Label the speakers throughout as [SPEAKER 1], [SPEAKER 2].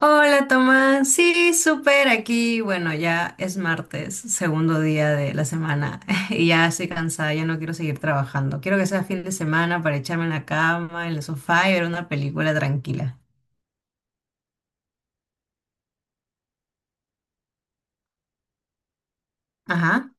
[SPEAKER 1] Hola Tomás, sí, súper aquí. Bueno, ya es martes, segundo día de la semana y ya estoy cansada, ya no quiero seguir trabajando. Quiero que sea fin de semana para echarme en la cama, en el sofá y ver una película tranquila. Ajá.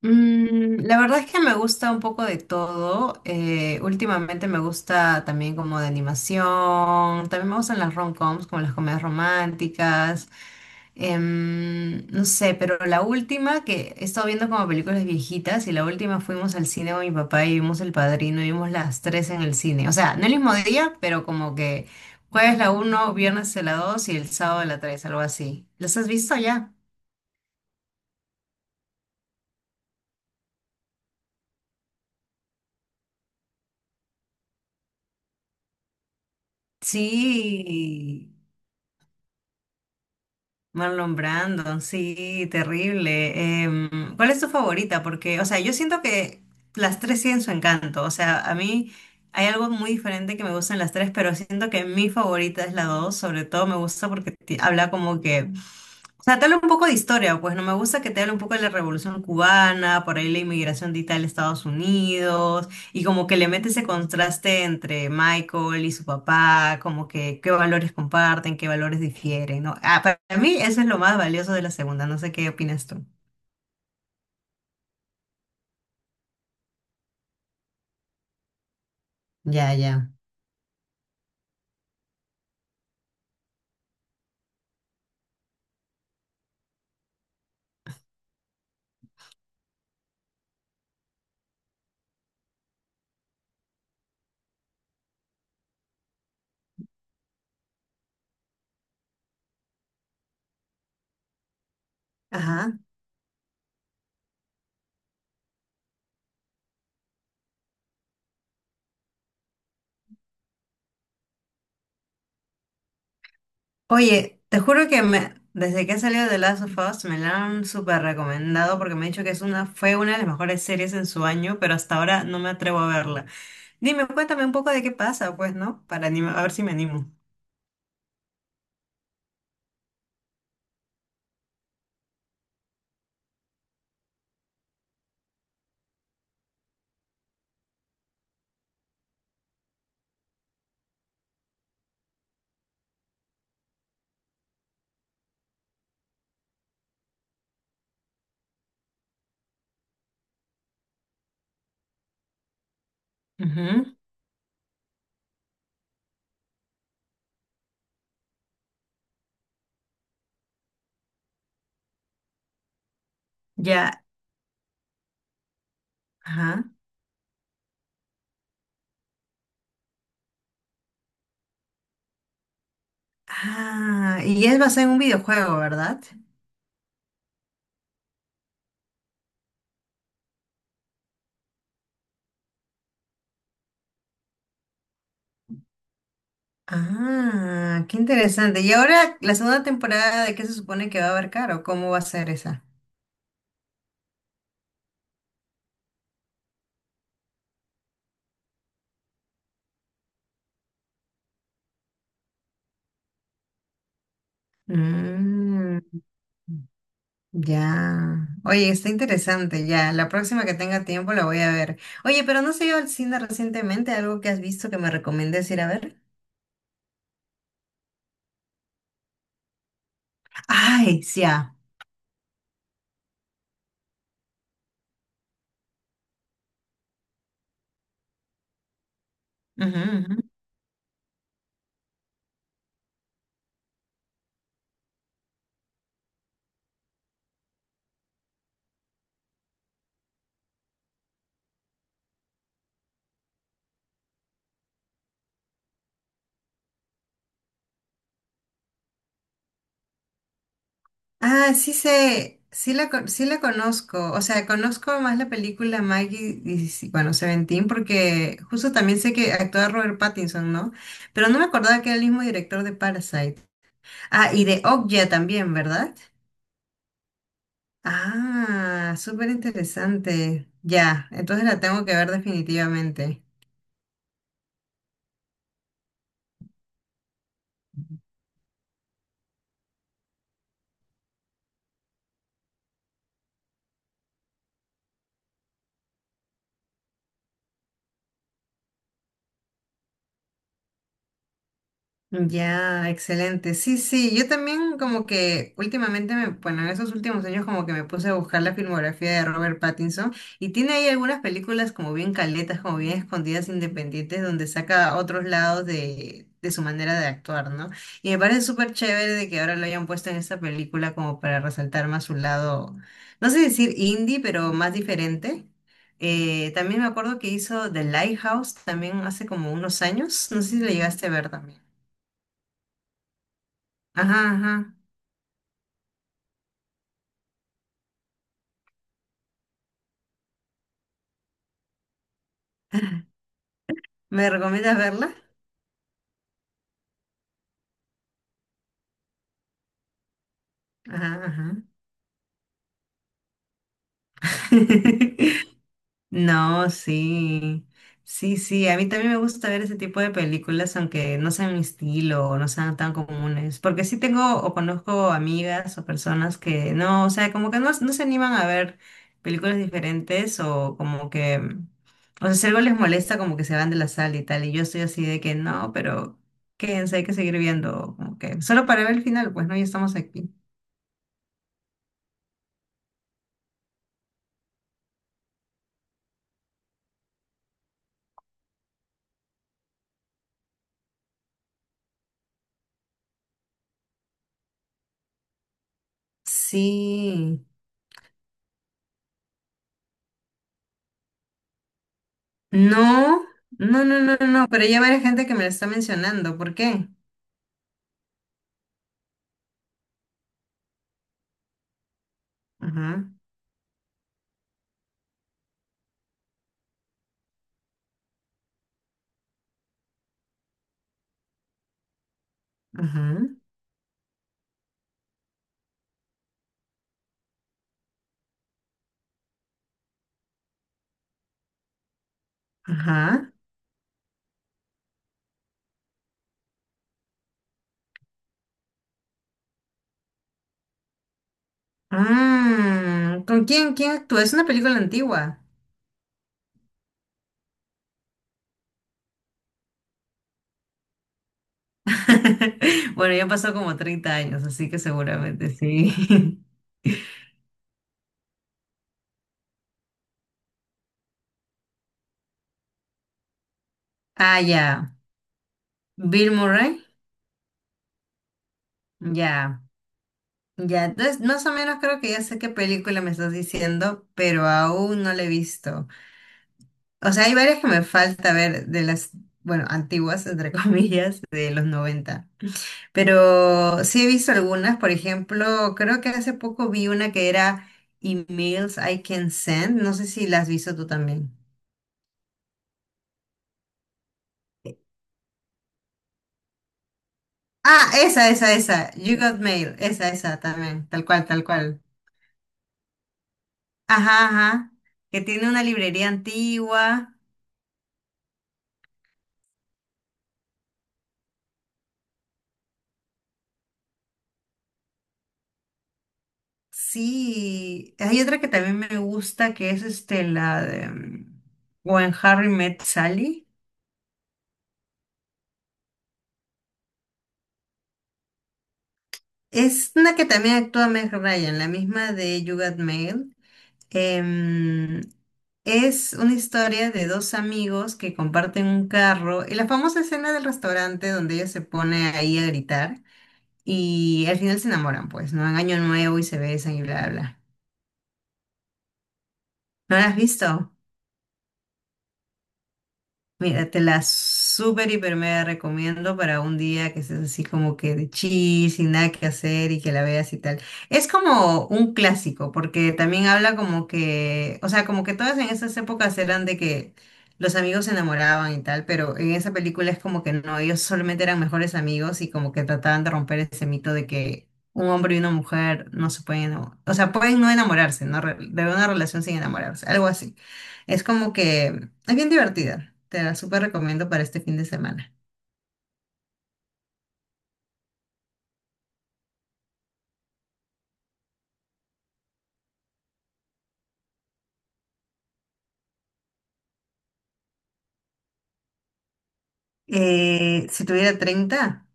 [SPEAKER 1] Mm, la verdad es que me gusta un poco de todo. Últimamente me gusta también como de animación. También me gustan las rom-coms, como las comedias románticas. No sé, pero la última que he estado viendo como películas viejitas y la última fuimos al cine con mi papá y vimos El Padrino y vimos las tres en el cine. O sea, no el mismo día, pero como que jueves la uno, viernes la dos y el sábado la tres, algo así. ¿Las has visto ya? Sí. Marlon Brandon, sí, terrible. ¿Cuál es tu favorita? Porque, o sea, yo siento que las tres tienen su encanto. O sea, a mí hay algo muy diferente que me gustan las tres, pero siento que mi favorita es la dos. Sobre todo me gusta porque habla como que, o sea, te habla un poco de historia, pues no me gusta que te hable un poco de la Revolución Cubana, por ahí la inmigración de Italia a Estados Unidos. Y como que le mete ese contraste entre Michael y su papá, como que qué valores comparten, qué valores difieren, ¿no? Ah, para mí eso es lo más valioso de la segunda, no sé qué opinas tú. Ya, ya. Ajá. Oye, te juro que me, desde que ha salido The Last of Us me la han súper recomendado porque me han dicho que es una, fue una de las mejores series en su año, pero hasta ahora no me atrevo a verla. Dime, cuéntame un poco de qué pasa, pues, ¿no? Para a ver si me animo. Ujú. Ya. Ajá. Ah, ¿y es basado en un videojuego, verdad? Ah, qué interesante. Y ahora, la segunda temporada, ¿de qué se supone que va a abarcar o cómo va a ser esa? Mm, ya. Oye, está interesante, ya. La próxima que tenga tiempo la voy a ver. Oye, pero ¿no se ido al cine recientemente? ¿Algo que has visto que me recomiendes ir a ver? Ay, sí. Ya. Ah, sí sé, sí la, sí la conozco. O sea, conozco más la película Maggie, y, sí, bueno, Seventeen, porque justo también sé que actúa Robert Pattinson, ¿no? Pero no me acordaba que era el mismo director de Parasite. Ah, ¿y de Okja también, verdad? Ah, súper interesante. Ya, entonces la tengo que ver definitivamente. Ya, excelente. Sí, sí, yo también como que últimamente, me, bueno, en esos últimos años como que me puse a buscar la filmografía de Robert Pattinson y tiene ahí algunas películas como bien caletas, como bien escondidas, independientes, donde saca otros lados de su manera de actuar, ¿no? Y me parece súper chévere de que ahora lo hayan puesto en esta película como para resaltar más su lado, no sé decir indie, pero más diferente. También me acuerdo que hizo The Lighthouse también hace como unos años, no sé si le llegaste a ver también. Ajá, ajá. ¿Me recomiendas verla? Ajá, ajá. No, sí. Sí, sí. A mí también me gusta ver ese tipo de películas, aunque no sean mi estilo o no sean tan comunes. Porque sí tengo o conozco amigas o personas que no, o sea, como que no, no se animan a ver películas diferentes o como que. O sea, si algo les molesta, como que se van de la sala y tal. Y yo estoy así de que no, pero quédense, hay que seguir viendo. Como que solo para ver el final, pues no, ya estamos aquí. Sí. No, no, no, no, no, no, pero ya varias gente que me lo está mencionando. ¿Por qué? Ajá, ajá, ajá. Mm, ¿con quién, quién actúa? Es una película antigua. Bueno, ya pasó como 30 años, así que seguramente sí. Ah, ya. Bill Murray. Ya. Ya. Entonces, más o menos creo que ya sé qué película me estás diciendo, pero aún no la he visto. O sea, hay varias que me falta ver de las, bueno, antiguas, entre comillas, de los 90. Pero sí he visto algunas, por ejemplo, creo que hace poco vi una que era Emails I Can Send. No sé si la has visto tú también. Ah, esa, esa, esa. You Got Mail. Esa también. Tal cual, tal cual. Ajá, ajá. Que tiene una librería antigua. Sí. Hay otra que también me gusta, que es este, la de When Harry Met Sally. Es una que también actúa Meg Ryan, la misma de You Got Mail. Em, es una historia de dos amigos que comparten un carro y la famosa escena del restaurante donde ella se pone ahí a gritar y al final se enamoran, pues, ¿no? En Año Nuevo y se besan y bla, bla, bla. ¿No la has visto? Mira, te la súper hiper mega recomiendo para un día que estés así como que de chill, sin nada que hacer y que la veas y tal. Es como un clásico, porque también habla como que, o sea, como que todas en esas épocas eran de que los amigos se enamoraban y tal, pero en esa película es como que no, ellos solamente eran mejores amigos y como que trataban de romper ese mito de que un hombre y una mujer no se pueden enamorar, o sea, pueden no enamorarse, ¿no? De una relación sin enamorarse, algo así. Es como que es bien divertida. Te la súper recomiendo para este fin de semana. Si tuviera 30,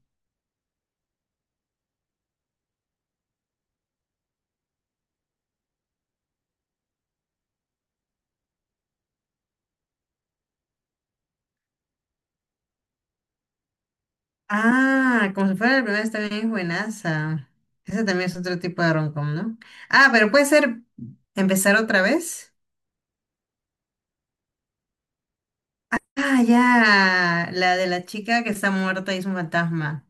[SPEAKER 1] ah, como si fuera la primera, está bien buenaza. Ese también es otro tipo de romcom, ¿no? Ah, pero puede ser empezar otra vez. Ah, ya. La de la chica que está muerta y es un fantasma.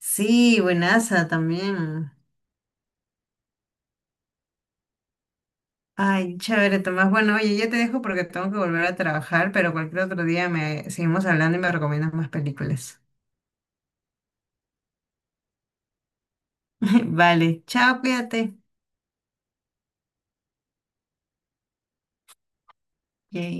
[SPEAKER 1] Sí, buenaza también. Ay, chévere, Tomás. Bueno, oye, ya te dejo porque tengo que volver a trabajar, pero cualquier otro día me seguimos hablando y me recomiendas más películas. Vale, chao, cuídate. Yay.